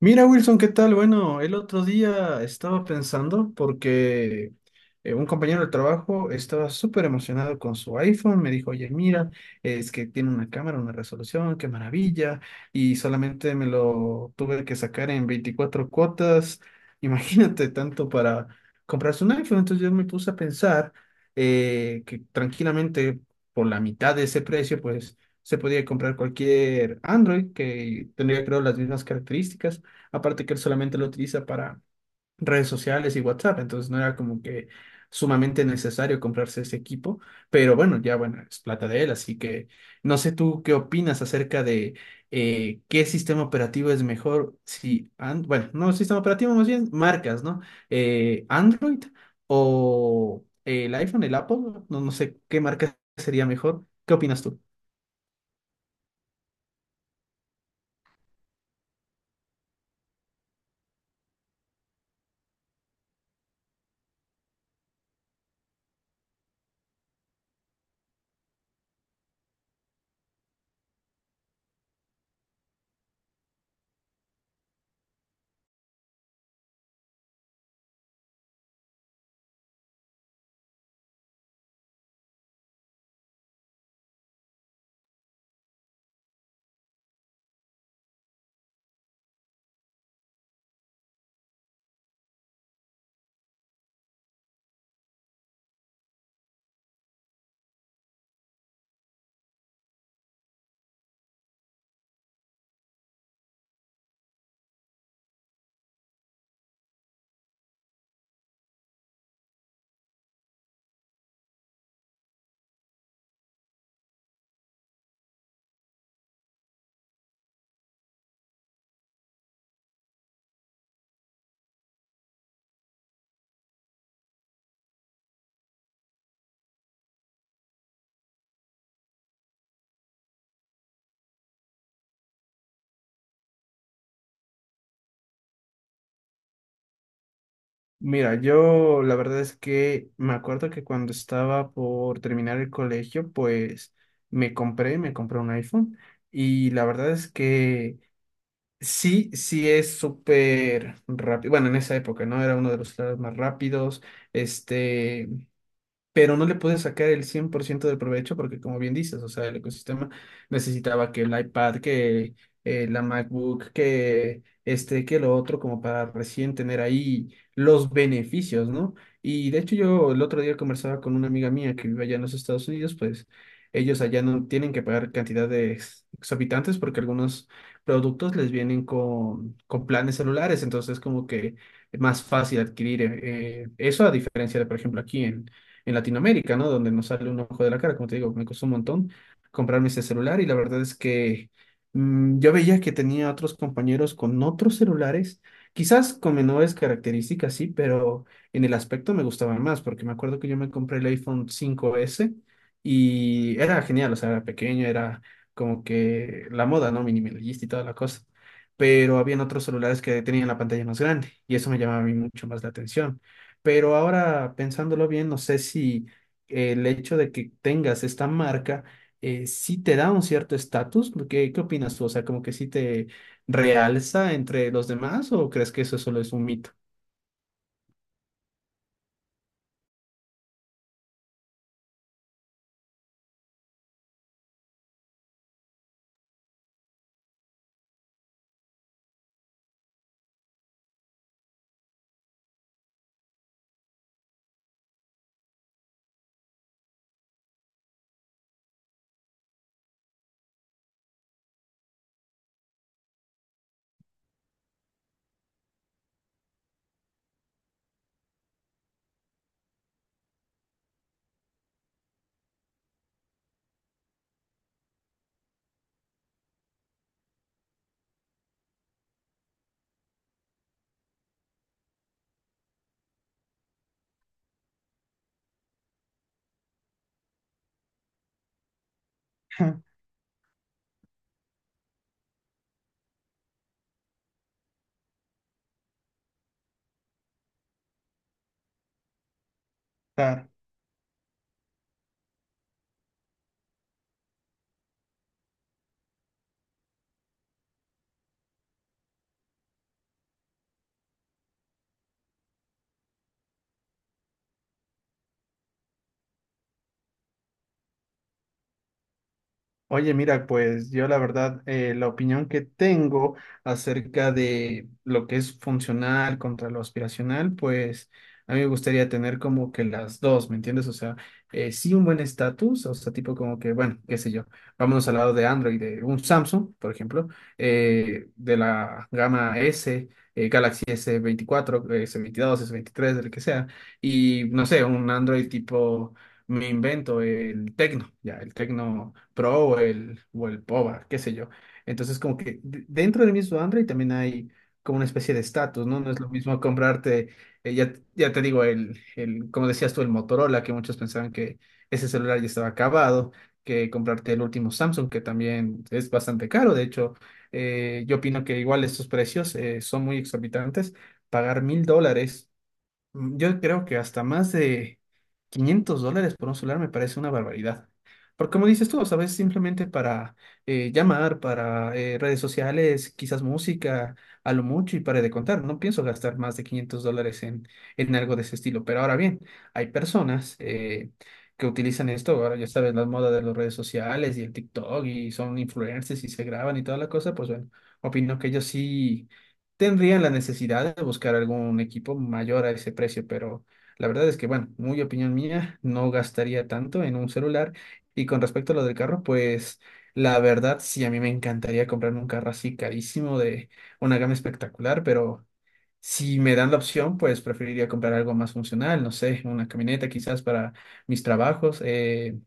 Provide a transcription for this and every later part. Mira, Wilson, ¿qué tal? Bueno, el otro día estaba pensando porque un compañero de trabajo estaba súper emocionado con su iPhone. Me dijo, oye, mira, es que tiene una cámara, una resolución, qué maravilla. Y solamente me lo tuve que sacar en 24 cuotas. Imagínate tanto para comprarse un iPhone. Entonces yo me puse a pensar que tranquilamente por la mitad de ese precio, pues se podía comprar cualquier Android que tendría, creo, las mismas características. Aparte que él solamente lo utiliza para redes sociales y WhatsApp, entonces no era como que sumamente necesario comprarse ese equipo, pero bueno, ya bueno, es plata de él, así que no sé tú qué opinas acerca de qué sistema operativo es mejor, si, bueno, no sistema operativo, más bien marcas, ¿no? Android o el iPhone, el Apple, no sé qué marca sería mejor, ¿qué opinas tú? Mira, yo la verdad es que me acuerdo que cuando estaba por terminar el colegio, pues me compré un iPhone y la verdad es que sí, sí es súper rápido. Bueno, en esa época, ¿no? Era uno de los celulares más rápidos. Este, pero no le pude sacar el 100% del provecho porque, como bien dices, o sea, el ecosistema necesitaba que el iPad, que la MacBook, que este, que lo otro, como para recién tener ahí los beneficios, ¿no? Y de hecho yo el otro día conversaba con una amiga mía que vive allá en los Estados Unidos, pues ellos allá no tienen que pagar cantidad de exorbitantes porque algunos productos les vienen con planes celulares, entonces como que es más fácil adquirir eso a diferencia de, por ejemplo, aquí en Latinoamérica, ¿no? Donde nos sale un ojo de la cara, como te digo, me costó un montón comprarme ese celular y la verdad es que yo veía que tenía otros compañeros con otros celulares, quizás con menores características, sí, pero en el aspecto me gustaban más, porque me acuerdo que yo me compré el iPhone 5S y era genial, o sea, era pequeño, era como que la moda, ¿no? Minimalista y toda la cosa pero habían otros celulares que tenían la pantalla más grande y eso me llamaba a mí mucho más la atención. Pero ahora pensándolo bien, no sé si el hecho de que tengas esta marca sí te da un cierto estatus. ¿Qué, qué opinas tú? O sea, como que sí te realza entre los demás o ¿crees que eso solo es un mito? Oye, mira, pues yo la verdad, la opinión que tengo acerca de lo que es funcional contra lo aspiracional, pues a mí me gustaría tener como que las dos, ¿me entiendes? O sea, sí un buen estatus, o sea, tipo como que, bueno, qué sé yo, vámonos al lado de Android, de un Samsung, por ejemplo, de la gama S, Galaxy s veinticuatro, s veintidós, s veintitrés, del que sea, y no sé, un Android tipo, me invento el Tecno, ya, el Tecno. Pro o el POBA, qué sé yo. Entonces, como que dentro del mismo Android también hay como una especie de estatus, ¿no? No es lo mismo comprarte, ya te digo, como decías tú, el Motorola, que muchos pensaban que ese celular ya estaba acabado, que comprarte el último Samsung, que también es bastante caro. De hecho, yo opino que igual estos precios son muy exorbitantes. Pagar mil dólares. Yo creo que hasta más de 500 dólares por un celular me parece una barbaridad. Porque como dices tú, ¿sabes? Simplemente para llamar, para redes sociales, quizás música, a lo mucho y para de contar. No pienso gastar más de 500 dólares en algo de ese estilo. Pero ahora bien, hay personas que utilizan esto. Ahora ya sabes, la moda de las redes sociales y el TikTok y son influencers y se graban y toda la cosa. Pues bueno, opino que ellos sí tendrían la necesidad de buscar algún equipo mayor a ese precio, pero la verdad es que, bueno, muy opinión mía, no gastaría tanto en un celular. Y con respecto a lo del carro, pues la verdad sí, a mí me encantaría comprarme un carro así carísimo de una gama espectacular, pero si me dan la opción, pues preferiría comprar algo más funcional, no sé, una camioneta quizás para mis trabajos.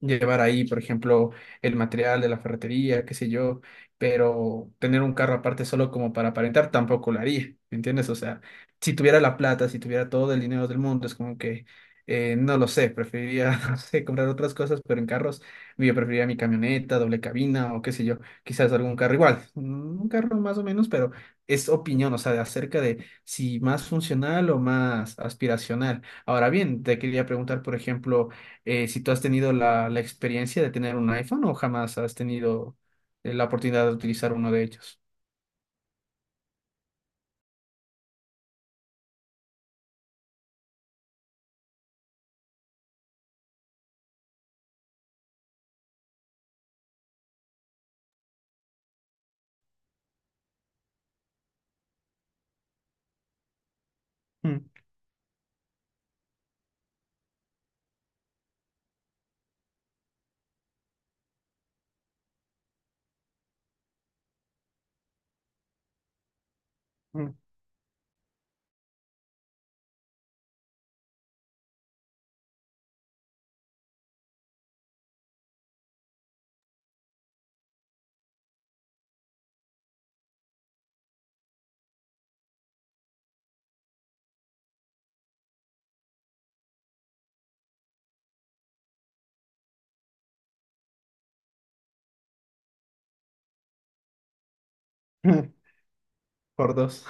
Llevar ahí, por ejemplo, el material de la ferretería, qué sé yo, pero tener un carro aparte solo como para aparentar tampoco lo haría, ¿me entiendes? O sea, si tuviera la plata, si tuviera todo el dinero del mundo, es como que, no lo sé, preferiría, no sé, comprar otras cosas, pero en carros, yo preferiría mi camioneta, doble cabina o qué sé yo, quizás algún carro igual, un carro más o menos, pero es opinión, o sea, de acerca de si más funcional o más aspiracional. Ahora bien, te quería preguntar, por ejemplo, si tú has tenido la experiencia de tener un iPhone o jamás has tenido la oportunidad de utilizar uno de ellos. Mm, mm. Por dos.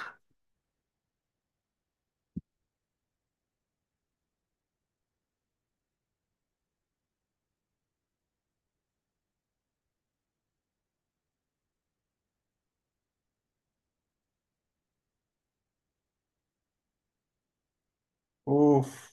Uf.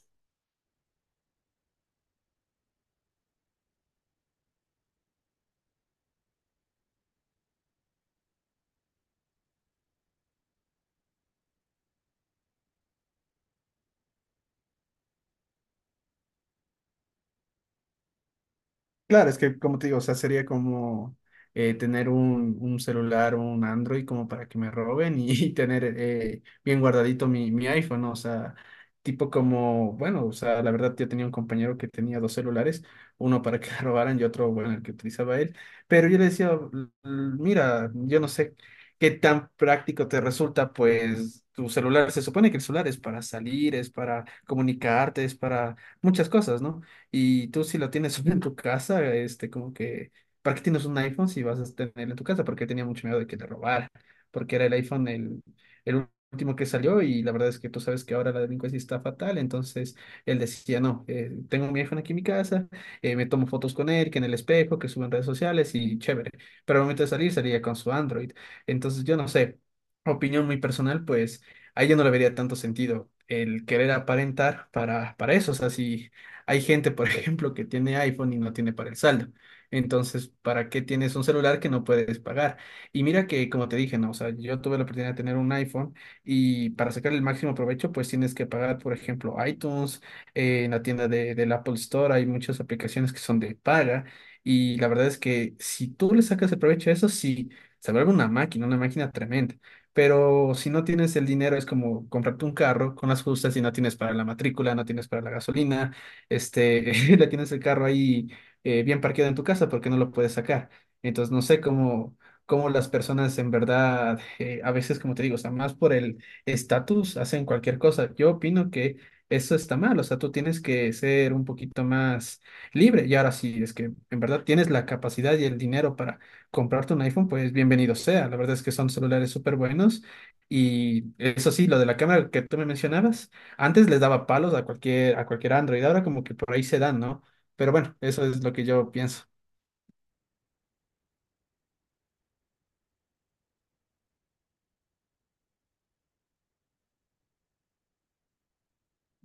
Claro, es que como te digo, o sea, sería como tener un celular, un Android como para que me roben y, tener bien guardadito mi iPhone, ¿no? O sea, tipo como, bueno, o sea, la verdad yo tenía un compañero que tenía dos celulares, uno para que le robaran y otro, bueno, el que utilizaba él, pero yo le decía, Mira, yo no sé qué tan práctico te resulta, pues tu celular, se supone que el celular es para salir, es para comunicarte, es para muchas cosas, ¿no? Y tú si lo tienes solo en tu casa, este, como que, ¿para qué tienes un iPhone si vas a tenerlo en tu casa? Porque tenía mucho miedo de que te robara, porque era el iPhone el último que salió y la verdad es que tú sabes que ahora la delincuencia está fatal, entonces él decía, no, tengo mi iPhone aquí en mi casa, me tomo fotos con él, que en el espejo, que subo en redes sociales y chévere, pero al momento de salir salía con su Android, entonces yo no sé, opinión muy personal, pues ahí yo no le vería tanto sentido el querer aparentar para eso, o sea, si... Hay gente, por ejemplo, que tiene iPhone y no tiene para el saldo. Entonces, ¿para qué tienes un celular que no puedes pagar? Y mira que, como te dije, ¿no? O sea, yo tuve la oportunidad de tener un iPhone y para sacar el máximo provecho, pues tienes que pagar, por ejemplo, iTunes, en la tienda de, del Apple Store hay muchas aplicaciones que son de paga y la verdad es que si tú le sacas el provecho a eso, sí, se vuelve una máquina tremenda. Pero si no tienes el dinero, es como comprarte un carro con las justas y no tienes para la matrícula, no tienes para la gasolina este, le tienes el carro ahí bien parqueado en tu casa porque no lo puedes sacar. Entonces, no sé cómo, cómo las personas en verdad, a veces, como te digo, o sea, más por el estatus, hacen cualquier cosa. Yo opino que eso está mal, o sea, tú tienes que ser un poquito más libre. Y ahora sí, es que en verdad tienes la capacidad y el dinero para comprarte un iPhone, pues bienvenido sea. La verdad es que son celulares súper buenos. Y eso sí, lo de la cámara que tú me mencionabas. Antes les daba palos a cualquier Android, ahora como que por ahí se dan, ¿no? Pero bueno, eso es lo que yo pienso.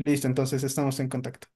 Listo, entonces estamos en contacto.